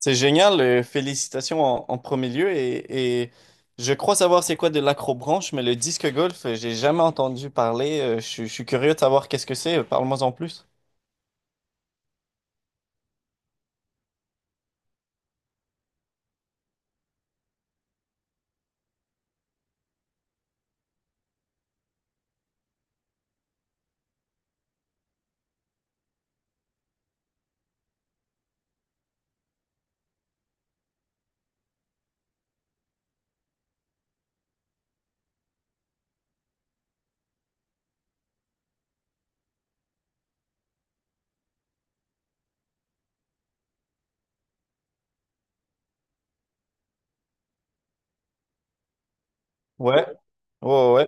C'est génial, félicitations en premier lieu et je crois savoir c'est quoi de l'acrobranche, mais le disque golf, j'ai jamais entendu parler. Je suis curieux de savoir qu'est-ce que c'est. Parle-moi en plus. Ouais, ouais, ouais.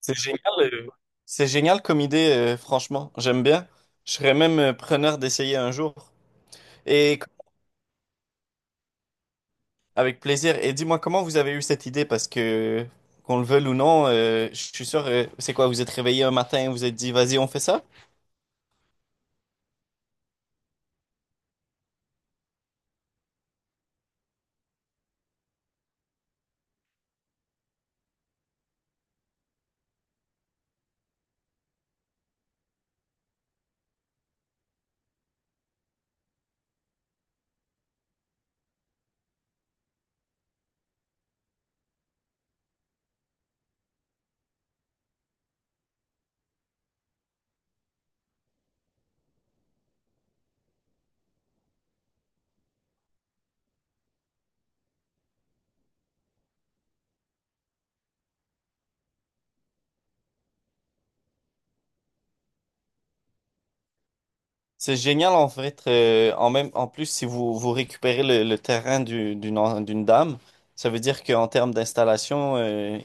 C'est génial, euh, c'est génial comme idée, franchement. J'aime bien. Je serais même, preneur d'essayer un jour. Et avec plaisir. Et dis-moi comment vous avez eu cette idée, parce que qu'on le veuille ou non, je suis sûr. C'est quoi? Vous êtes réveillé un matin, vous êtes dit, vas-y, on fait ça? C'est génial en fait. En plus, si vous récupérez le terrain d'une dame, ça veut dire qu'en termes d'installation,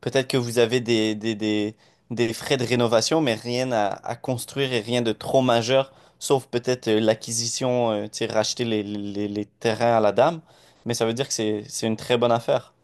peut-être que vous avez des frais de rénovation, mais rien à construire et rien de trop majeur, sauf peut-être, l'acquisition, tu sais, racheter les terrains à la dame. Mais ça veut dire que c'est une très bonne affaire.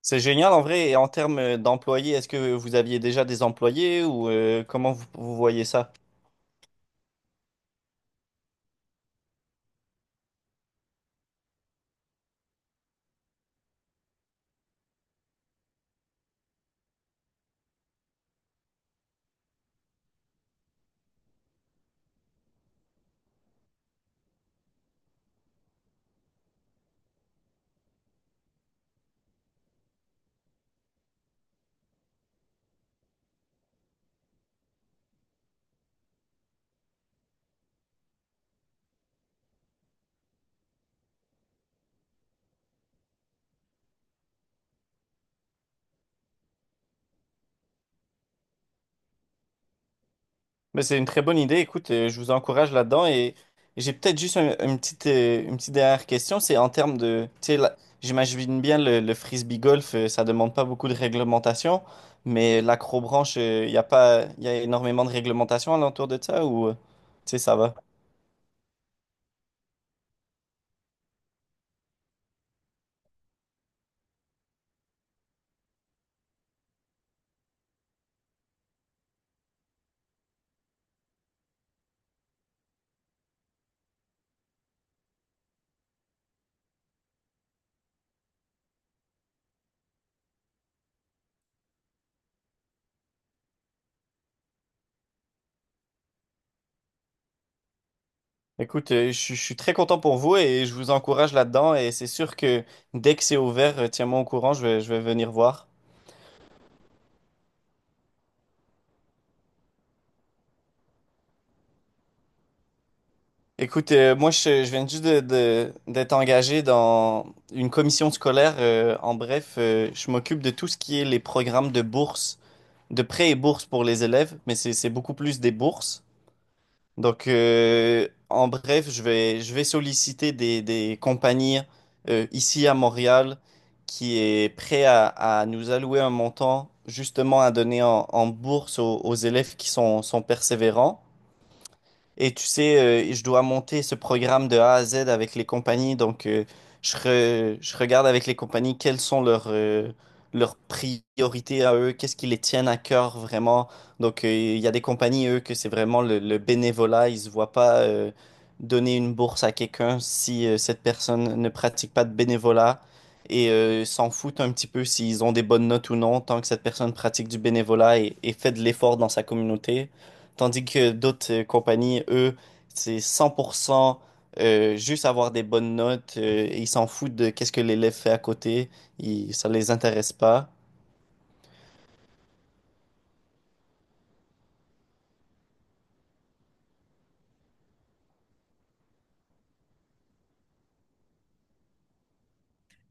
C'est génial en vrai. Et en termes, d'employés, est-ce que vous aviez déjà des employés ou, comment vous vous voyez ça? Mais c'est une très bonne idée. Écoute, je vous encourage là-dedans et j'ai peut-être juste une petite dernière question. C'est en termes de, tu sais, j'imagine bien le frisbee golf, ça demande pas beaucoup de réglementation, mais l'acrobranche, il y a pas, il y a énormément de réglementation alentour de ça ou, tu sais, ça va. Écoute, je suis très content pour vous et je vous encourage là-dedans et c'est sûr que dès que c'est ouvert, tiens-moi au courant, je vais venir voir. Écoute, moi, je viens juste d'être engagé dans une commission scolaire. En bref, je m'occupe de tout ce qui est les programmes de bourse, de prêts et bourses pour les élèves, mais c'est beaucoup plus des bourses. Donc, en bref, je vais solliciter des compagnies, ici à Montréal qui est prêt à nous allouer un montant justement à donner en bourse aux élèves qui sont persévérants. Et tu sais, je dois monter ce programme de A à Z avec les compagnies. Donc, je regarde avec les compagnies quelles sont leurs priorités à eux, qu'est-ce qui les tiennent à cœur vraiment. Donc, il y a des compagnies, eux, que c'est vraiment le bénévolat. Ils ne se voient pas, donner une bourse à quelqu'un si, cette personne ne pratique pas de bénévolat. Et, s'en foutent un petit peu s'ils ont des bonnes notes ou non, tant que cette personne pratique du bénévolat et fait de l'effort dans sa communauté. Tandis que d'autres, compagnies, eux, c'est 100%, juste avoir des bonnes notes, et ils s'en foutent de qu'est-ce que l'élève fait à côté. Ça les intéresse pas.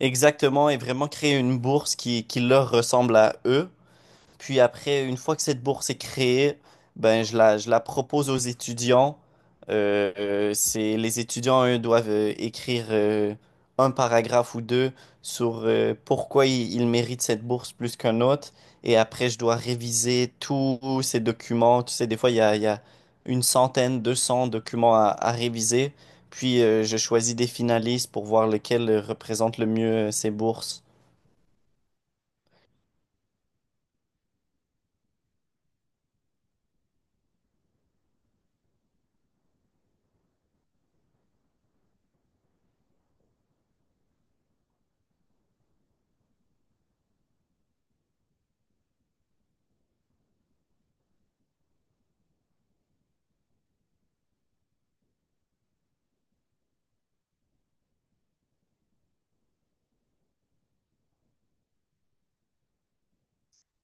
Exactement, et vraiment créer une bourse qui leur ressemble à eux. Puis après, une fois que cette bourse est créée, ben je la propose aux étudiants. Les étudiants, eux, doivent, écrire, un paragraphe ou deux sur, pourquoi ils méritent cette bourse plus qu'un autre. Et après, je dois réviser tous ces documents. Tu sais, des fois, il y a une centaine, 200 documents à réviser. Puis, je choisis des finalistes pour voir lequel, représente le mieux, ces bourses.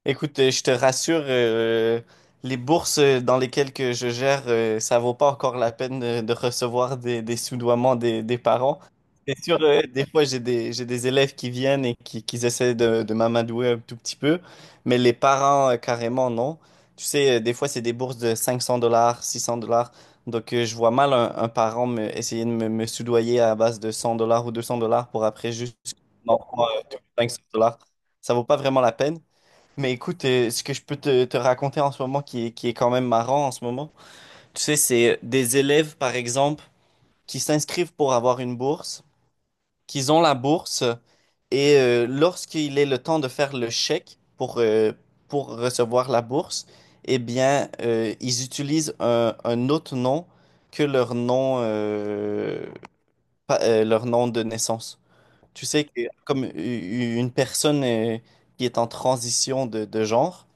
Écoute, je te rassure, les bourses, dans lesquelles que je gère, ça vaut pas encore la peine de recevoir des soudoiements des parents. C'est sûr, des fois, j'ai des élèves qui viennent et qui essaient de m'amadouer un tout petit peu, mais les parents, carrément, non. Tu sais, des fois, c'est des bourses de 500 dollars, 600 dollars. Donc, je vois mal un parent, essayer me soudoyer à base de 100 $ ou 200 $ pour après juste un enfant, de 500 dollars. Ça vaut pas vraiment la peine. Mais écoute, ce que je peux te raconter en ce moment qui est quand même marrant en ce moment, tu sais, c'est, des élèves, par exemple, qui s'inscrivent pour avoir une bourse, qu'ils ont la bourse, et, lorsqu'il est le temps de faire le chèque pour recevoir la bourse, eh bien, ils utilisent un autre nom que leur nom, leur nom de naissance. Tu sais, que comme une personne, qui est en transition de genre,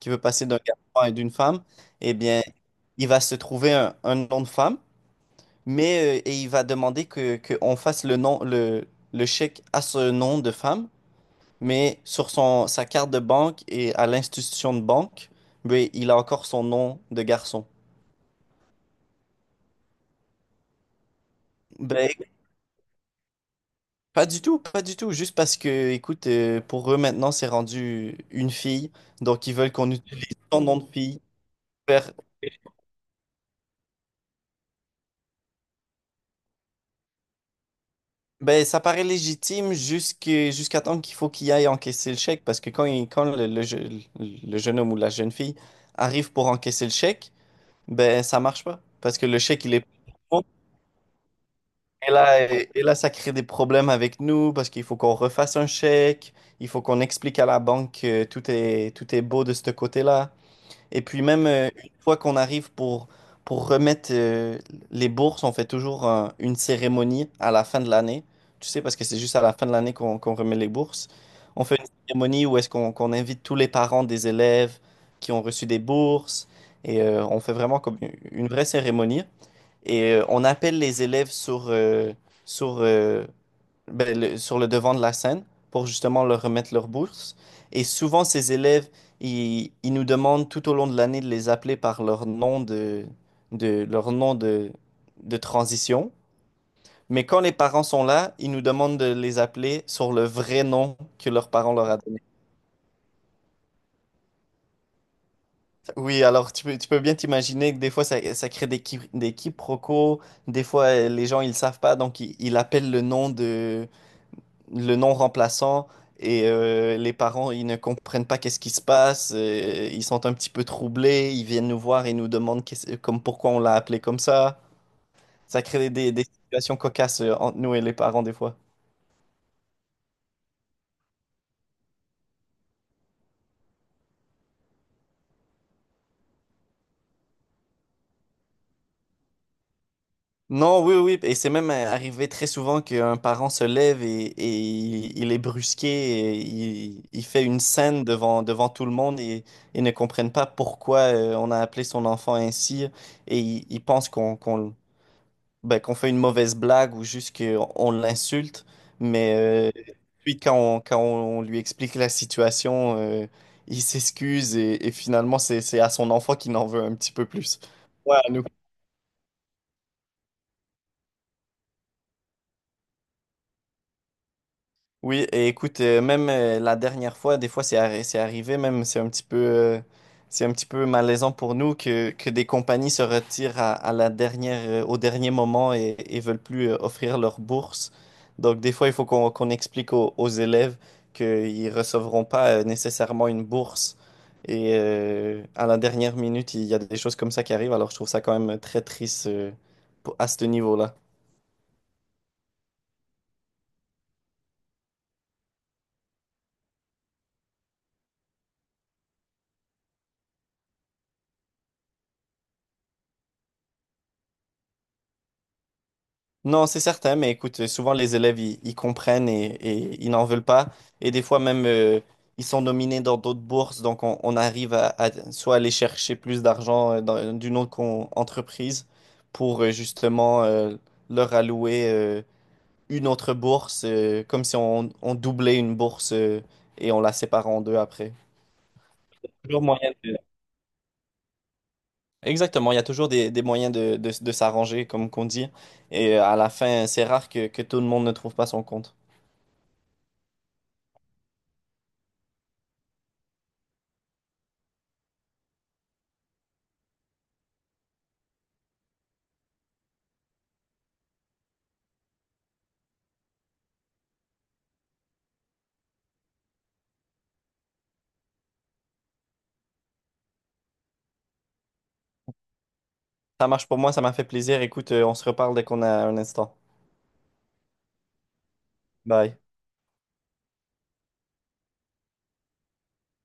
qui veut passer d'un garçon et d'une femme, eh bien, il va se trouver un nom de femme, et il va demander qu'on fasse le chèque à ce nom de femme, mais sur sa carte de banque et à l'institution de banque, ben, il a encore son nom de garçon. Ben, pas du tout, pas du tout, juste parce que, écoute, pour eux maintenant, c'est rendu une fille, donc ils veulent qu'on utilise son nom de fille. Pour faire. Ben, ça paraît légitime jusqu'à temps qu'il faut qu'il aille encaisser le chèque parce que quand le jeune homme ou la jeune fille arrive pour encaisser le chèque, ben ça marche pas parce que le chèque il est pas bon, et là ça crée des problèmes avec nous parce qu'il faut qu'on refasse un chèque, il faut qu'on explique à la banque que tout est beau de ce côté-là. Et puis même, une fois qu'on arrive pour remettre, les bourses, on fait toujours une cérémonie à la fin de l'année. Tu sais, parce que c'est juste à la fin de l'année qu'on remet les bourses. On fait une cérémonie où est-ce qu'on invite tous les parents des élèves qui ont reçu des bourses. Et, on fait vraiment comme une vraie cérémonie. Et, on appelle les élèves sur, euh, sur le devant de la scène pour justement leur remettre leur bourse. Et souvent, ces élèves, ils nous demandent tout au long de l'année de les appeler par leur nom de transition. Mais quand les parents sont là, ils nous demandent de les appeler sur le vrai nom que leurs parents leur a donné. Oui, alors tu peux bien t'imaginer que des fois, ça crée des quiproquos. Des fois, les gens, ils savent pas, donc ils appellent le non remplaçant, et, les parents, ils ne comprennent pas qu'est-ce qui se passe, ils sont un petit peu troublés, ils viennent nous voir et nous demandent comme pourquoi on l'a appelé comme ça. Ça crée des situations cocasses, entre nous et les parents des fois. Non, oui, oui, et c'est même, arrivé très souvent qu'un parent se lève et il est brusqué, il fait une scène devant tout le monde et ne comprennent pas pourquoi, on a appelé son enfant ainsi et ils pensent ben, qu'on fait une mauvaise blague ou juste qu'on l'insulte, mais euh, puis quand on lui explique la situation, il s'excuse et finalement c'est à son enfant qu'il en veut un petit peu plus. Ouais, à nous. Oui, et écoute, même la dernière fois, des fois c'est arrivé, même c'est un petit peu malaisant pour nous que des compagnies se retirent à la dernière, au dernier moment et veulent plus, offrir leur bourse. Donc des fois, il faut qu'on explique aux élèves qu'ils recevront pas, nécessairement une bourse. Et, à la dernière minute, il y a des choses comme ça qui arrivent. Alors je trouve ça quand même très triste, à ce niveau-là. Non, c'est certain, mais écoute, souvent les élèves, ils comprennent et ils n'en veulent pas. Et des fois même, ils sont nominés dans d'autres bourses, donc on arrive à soit aller chercher plus d'argent, d'une autre entreprise pour, justement, leur allouer, une autre bourse, comme si on doublait une bourse, et on la sépare en deux après. Toujours moyen de. Exactement, il y a toujours des moyens de s'arranger, comme qu'on dit. Et, à la fin, c'est rare que tout le monde ne trouve pas son compte. Ça marche pour moi, ça m'a fait plaisir. Écoute, on se reparle dès qu'on a un instant. Bye.